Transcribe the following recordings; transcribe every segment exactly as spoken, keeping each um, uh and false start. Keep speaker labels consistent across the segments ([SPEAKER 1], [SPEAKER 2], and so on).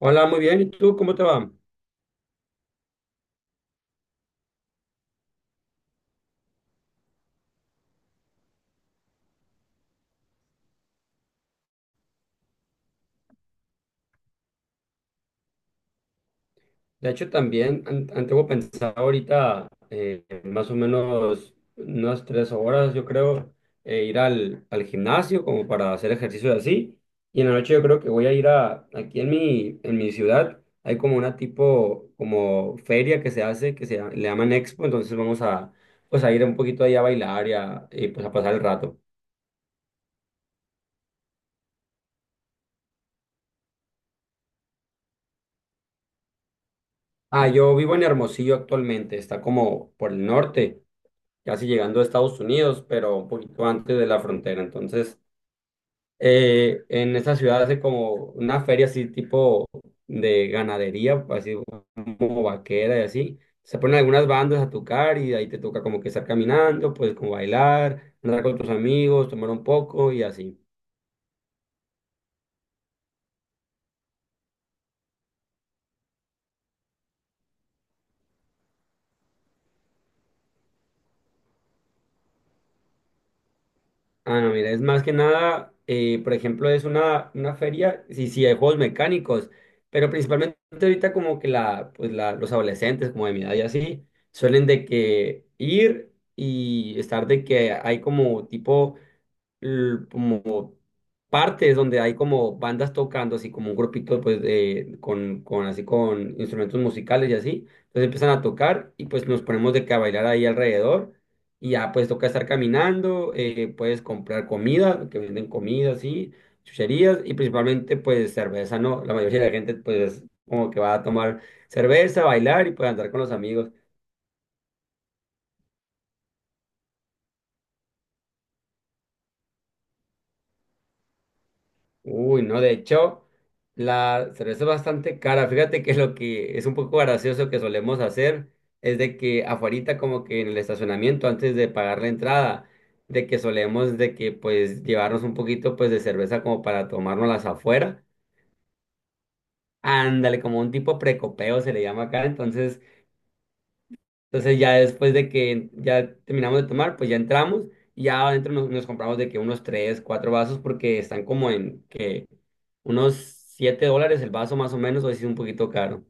[SPEAKER 1] Hola, muy bien. ¿Y tú cómo te va? De hecho, también an- an- tengo pensado ahorita eh, más o menos unas tres horas, yo creo, eh, ir al, al gimnasio como para hacer ejercicio y así. Y en la noche yo creo que voy a ir a, aquí en mi, en mi ciudad, hay como una tipo, como feria que se hace, que se llama- le llaman Expo, entonces vamos a, pues a ir un poquito ahí a bailar y, a, y pues a pasar el rato. Ah, yo vivo en Hermosillo actualmente, está como por el norte, casi llegando a Estados Unidos, pero un poquito antes de la frontera. Entonces, eh, en esa ciudad hace como una feria así tipo de ganadería, así como vaquera y así. Se ponen algunas bandas a tocar y ahí te toca como que estar caminando, pues como bailar, andar con tus amigos, tomar un poco y así. Ah, no, mira, es más que nada, eh, por ejemplo, es una, una feria, sí, sí, hay juegos mecánicos, pero principalmente ahorita como que la, pues la, los adolescentes como de mi edad y así, suelen de que ir y estar de que hay como tipo l- como partes donde hay como bandas tocando, así como un grupito pues de, con, con así con instrumentos musicales y así. Entonces empiezan a tocar y pues nos ponemos de que a bailar ahí alrededor y ya pues toca estar caminando, eh, puedes comprar comida, que venden comida así, chucherías y principalmente pues cerveza, ¿no? La mayoría de la gente pues como que va a tomar cerveza, bailar y pues andar con los amigos. Uy, no, de hecho, la cerveza es bastante cara. Fíjate que lo que es un poco gracioso que solemos hacer es de que afuerita como que en el estacionamiento antes de pagar la entrada, de que solemos de que pues llevarnos un poquito pues de cerveza como para tomárnoslas afuera. Ándale, como un tipo precopeo se le llama acá. Entonces, entonces ya después de que ya terminamos de tomar, pues ya entramos y ya adentro nos, nos compramos de que unos tres, cuatro vasos porque están como en que unos siete dólares el vaso más o menos, o así es un poquito caro.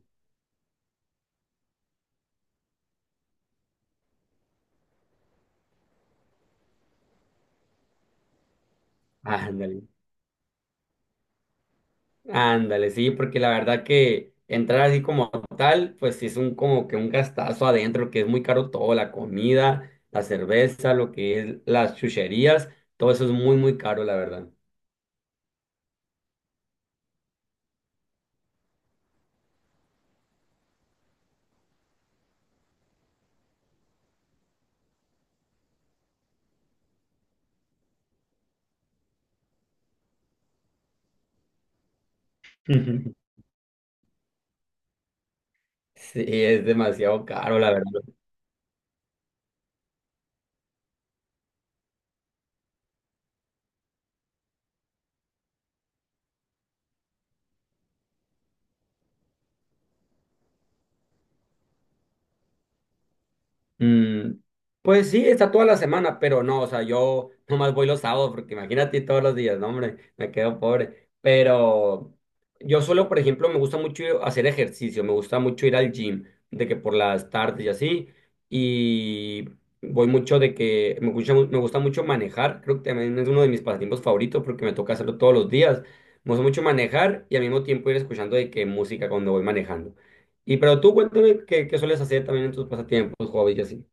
[SPEAKER 1] Ándale, ándale, sí, porque la verdad que entrar así como tal, pues sí es un como que un gastazo adentro, que es muy caro todo, la comida, la cerveza, lo que es las chucherías, todo eso es muy, muy caro, la verdad. Sí, es demasiado caro, la verdad. Mm, pues sí, está toda la semana, pero no, o sea, yo nomás voy los sábados, porque imagínate todos los días, no, hombre, me quedo pobre. Pero yo solo, por ejemplo, me gusta mucho hacer ejercicio, me gusta mucho ir al gym, de que por las tardes y así, y voy mucho de que me gusta, mu- me gusta mucho manejar, creo que también es uno de mis pasatiempos favoritos porque me toca hacerlo todos los días. Me gusta mucho manejar y al mismo tiempo ir escuchando de qué música cuando voy manejando. Y pero tú cuéntame qué, qué sueles hacer también en tus pasatiempos, hobbies y así.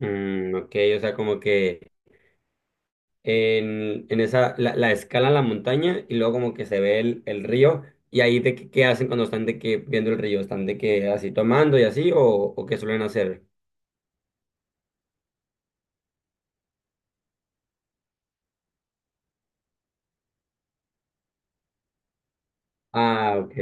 [SPEAKER 1] Mm, ok, o sea, como que en, en esa, la, la escala la montaña y luego como que se ve el, el río y ahí de que- qué hacen cuando están de que viendo el río, están de que así tomando y así o, o qué suelen hacer. Ah, ok.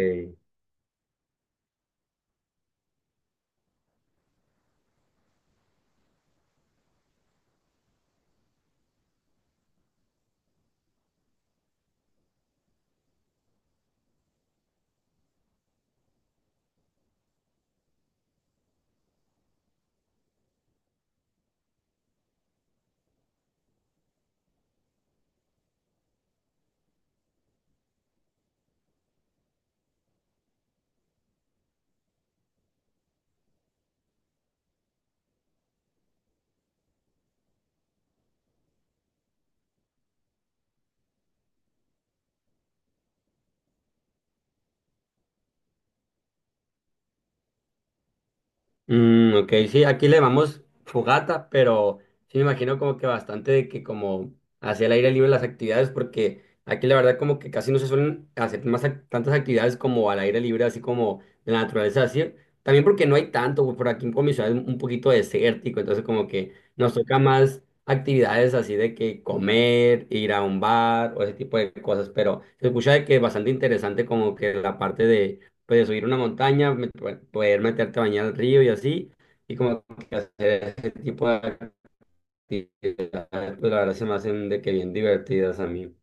[SPEAKER 1] Mm, ok, sí, aquí le llamamos fogata, pero sí me imagino como que bastante de que como hacia el aire libre las actividades, porque aquí la verdad como que casi no se suelen hacer más ac- tantas actividades como al aire libre, así como en la naturaleza, así. También porque no hay tanto, güey, por aquí en mi ciudad es un poquito desértico, entonces como que nos toca más actividades así de que comer, ir a un bar o ese tipo de cosas, pero se escucha de que es bastante interesante como que la parte de pues subir una montaña, me- bueno, poder meterte a bañar al río y así, y como que hacer ese tipo de actividades, pues la verdad se me hacen de que bien divertidas a mí.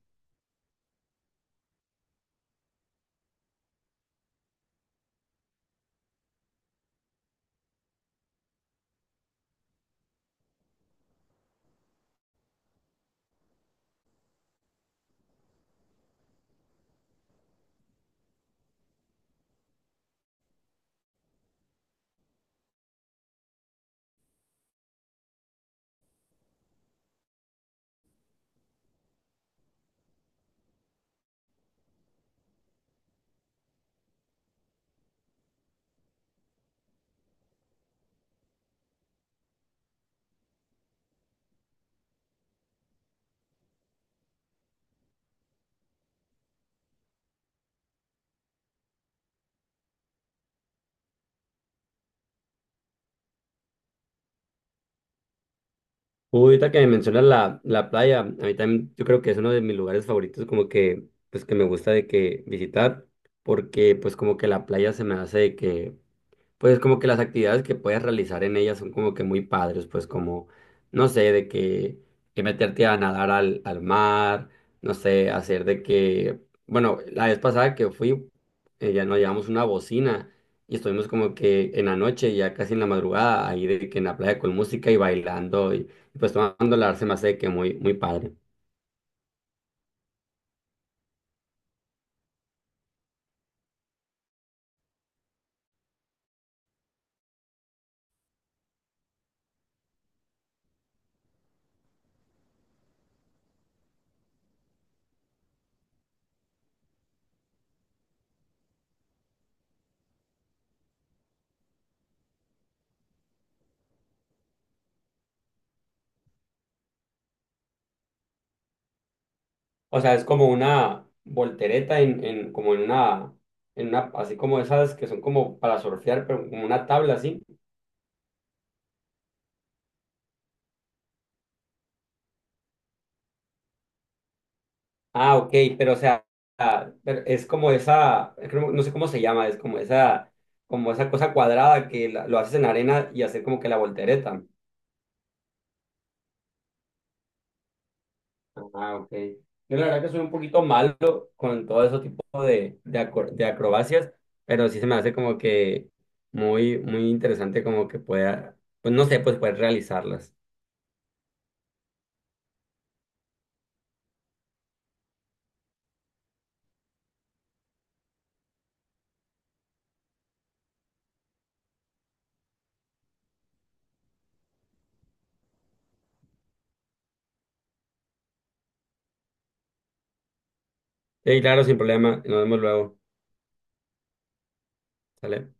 [SPEAKER 1] Ahorita que me mencionas la, la playa, a mí también yo creo que es uno de mis lugares favoritos como que, pues que me gusta de que visitar, porque pues como que la playa se me hace de que pues como que las actividades que puedes realizar en ellas son como que muy padres, pues como, no sé, de que, que meterte a nadar al, al mar, no sé, hacer de que, bueno, la vez pasada que fui, eh, ya nos llevamos una bocina y estuvimos como que en la noche, ya casi en la madrugada, ahí de que en la playa con música y bailando y, y pues tomando la se me hace que muy, muy padre. O sea, es como una voltereta en, en como en una, en una, así como esas que son como para surfear, pero como una tabla así. Ah, ok, pero o sea, ah, pero es como esa, creo- no sé cómo se llama, es como esa, como esa cosa cuadrada que la- lo haces en arena y hacer como que la voltereta. Ah, ok. Yo la verdad que soy un poquito malo con todo ese tipo de, de, acro- de acrobacias, pero sí se me hace como que muy, muy interesante como que pueda, pues no sé, pues poder realizarlas. Sí, claro, sin problema, nos vemos luego. ¿Sale?